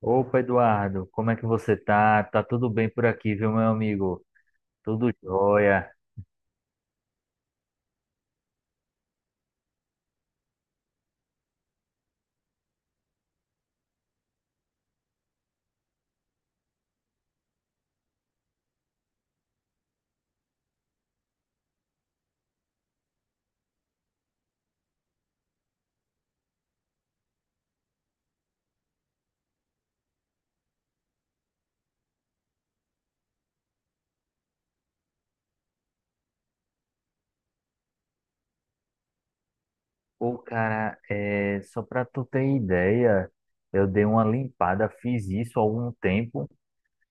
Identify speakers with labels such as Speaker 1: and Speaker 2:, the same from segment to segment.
Speaker 1: Opa, Eduardo, como é que você tá? Tá tudo bem por aqui, viu, meu amigo? Tudo jóia. Pô, cara, só pra tu ter ideia, eu dei uma limpada, fiz isso há algum tempo.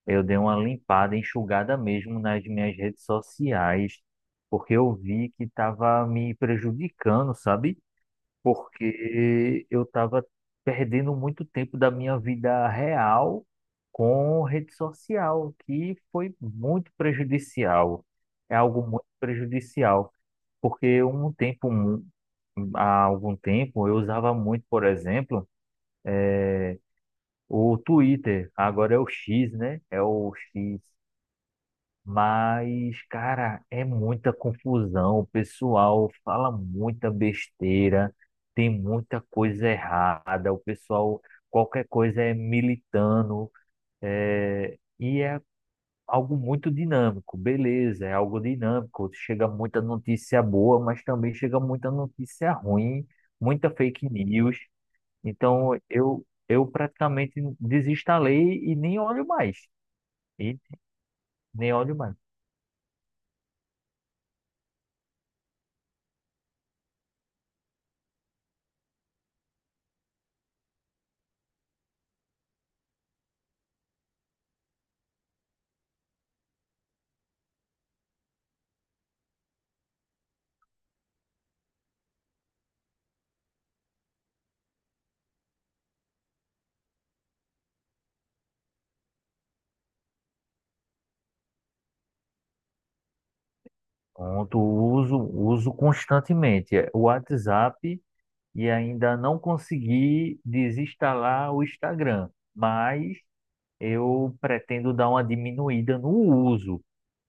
Speaker 1: Eu dei uma limpada, enxugada mesmo nas minhas redes sociais, porque eu vi que tava me prejudicando, sabe? Porque eu estava perdendo muito tempo da minha vida real com rede social, que foi muito prejudicial. É algo muito prejudicial, porque há algum tempo, eu usava muito, por exemplo, o Twitter, agora é o X, né? É o X. Mas, cara, é muita confusão. O pessoal fala muita besteira, tem muita coisa errada. O pessoal, qualquer coisa é militando, e é algo muito dinâmico. Beleza, é algo dinâmico. Chega muita notícia boa, mas também chega muita notícia ruim, muita fake news. Então, eu praticamente desinstalei e nem olho mais. E nem olho mais. Pronto, uso constantemente é, o WhatsApp e ainda não consegui desinstalar o Instagram, mas eu pretendo dar uma diminuída no uso.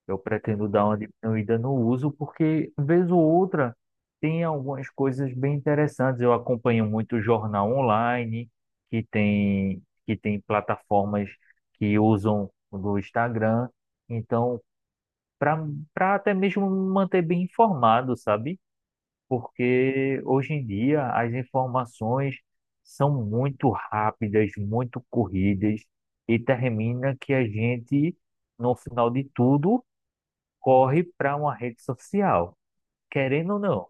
Speaker 1: Eu pretendo dar uma diminuída no uso porque, vez ou outra, tem algumas coisas bem interessantes. Eu acompanho muito jornal online, que tem plataformas que usam do Instagram. Então, para para até mesmo me manter bem informado, sabe? Porque hoje em dia as informações são muito rápidas, muito corridas, e termina que a gente, no final de tudo, corre para uma rede social, querendo ou não.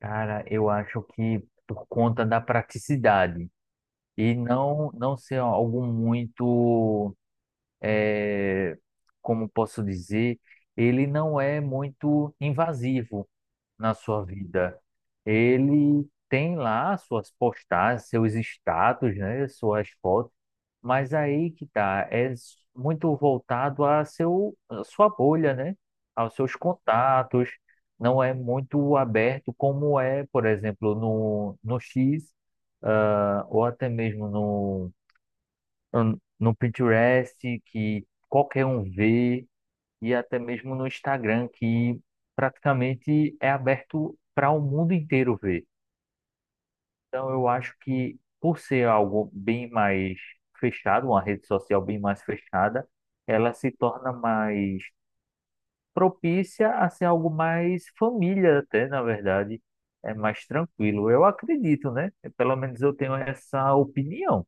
Speaker 1: Cara, eu acho que por conta da praticidade e não ser algo muito, eh, como posso dizer, ele não é muito invasivo na sua vida. Ele tem lá suas postagens, seus status, né, suas fotos, mas aí que tá, é muito voltado a a sua bolha, né, aos seus contatos, não é muito aberto como é, por exemplo, no X, ah, ou até mesmo no Pinterest, que qualquer um vê e até mesmo no Instagram, que praticamente é aberto para o mundo inteiro ver. Então, eu acho que por ser algo bem mais fechado, uma rede social bem mais fechada, ela se torna mais propícia a ser algo mais família, até na verdade, é mais tranquilo. Eu acredito, né? Pelo menos eu tenho essa opinião.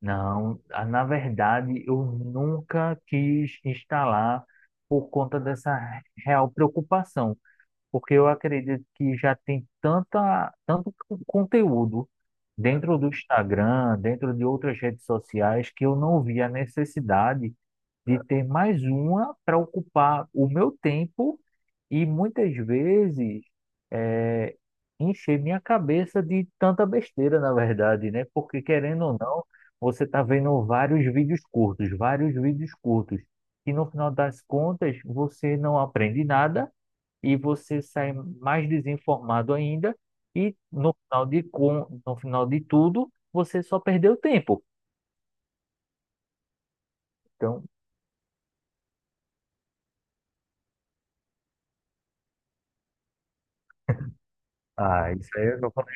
Speaker 1: Não, ah, na verdade, eu nunca quis instalar por conta dessa real preocupação, porque eu acredito que já tem conteúdo dentro do Instagram, dentro de outras redes sociais, que eu não vi a necessidade de ter mais uma para ocupar o meu tempo e muitas vezes eh, encher minha cabeça de tanta besteira, na verdade, né? Porque querendo ou não, você está vendo vários vídeos curtos, e no final das contas você não aprende nada e você sai mais desinformado ainda, e no final de tudo, você só perdeu tempo. Então, ah, isso aí eu não falei.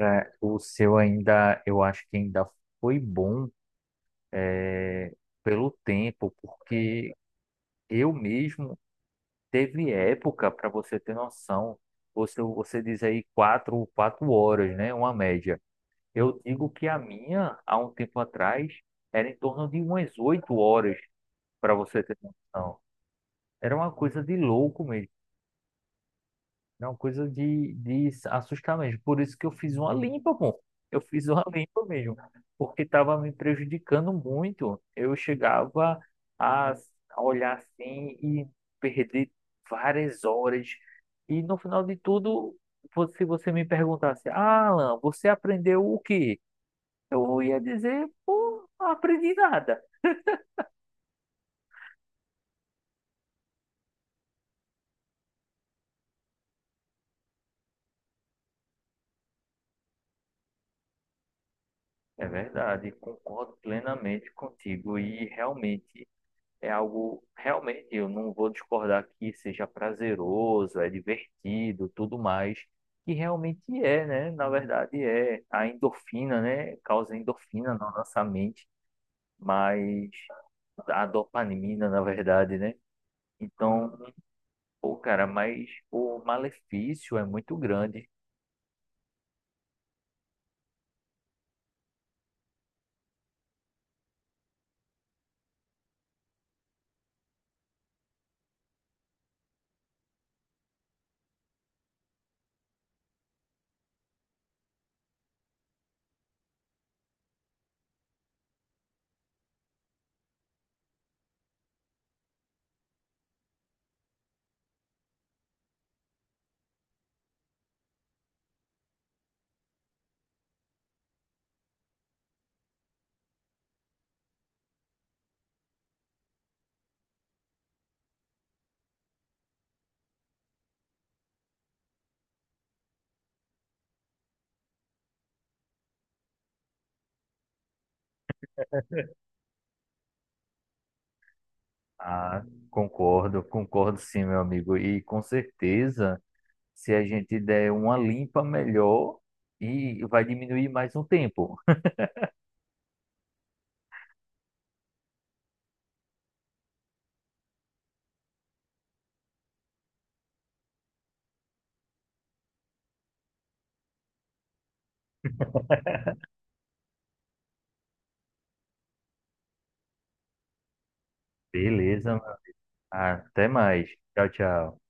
Speaker 1: É, o seu ainda, eu acho que ainda foi bom pelo tempo, porque eu mesmo teve época, para você ter noção, você diz aí quatro horas, né? Uma média. Eu digo que a minha, há um tempo atrás, era em torno de umas 8 horas, para você ter noção. Era uma coisa de louco mesmo. É uma coisa de assustar mesmo. Por isso que eu fiz uma limpa, pô. Eu fiz uma limpa mesmo. Porque estava me prejudicando muito. Eu chegava a a olhar assim e perder várias horas. E no final de tudo, se você me perguntasse, ah, Alan, você aprendeu o quê? Eu ia dizer, pô, não aprendi nada. É verdade, concordo plenamente contigo. E realmente. É algo realmente, eu não vou discordar que seja prazeroso, é divertido, tudo mais, que realmente é, né? Na verdade é a endorfina, né? Causa endorfina na nossa mente, mas a dopamina, na verdade, né? Então, pô, cara, mas o malefício é muito grande. Ah, concordo, concordo sim, meu amigo. E com certeza, se a gente der uma limpa melhor, e vai diminuir mais um tempo. Beleza, mano. Até mais. Tchau, tchau.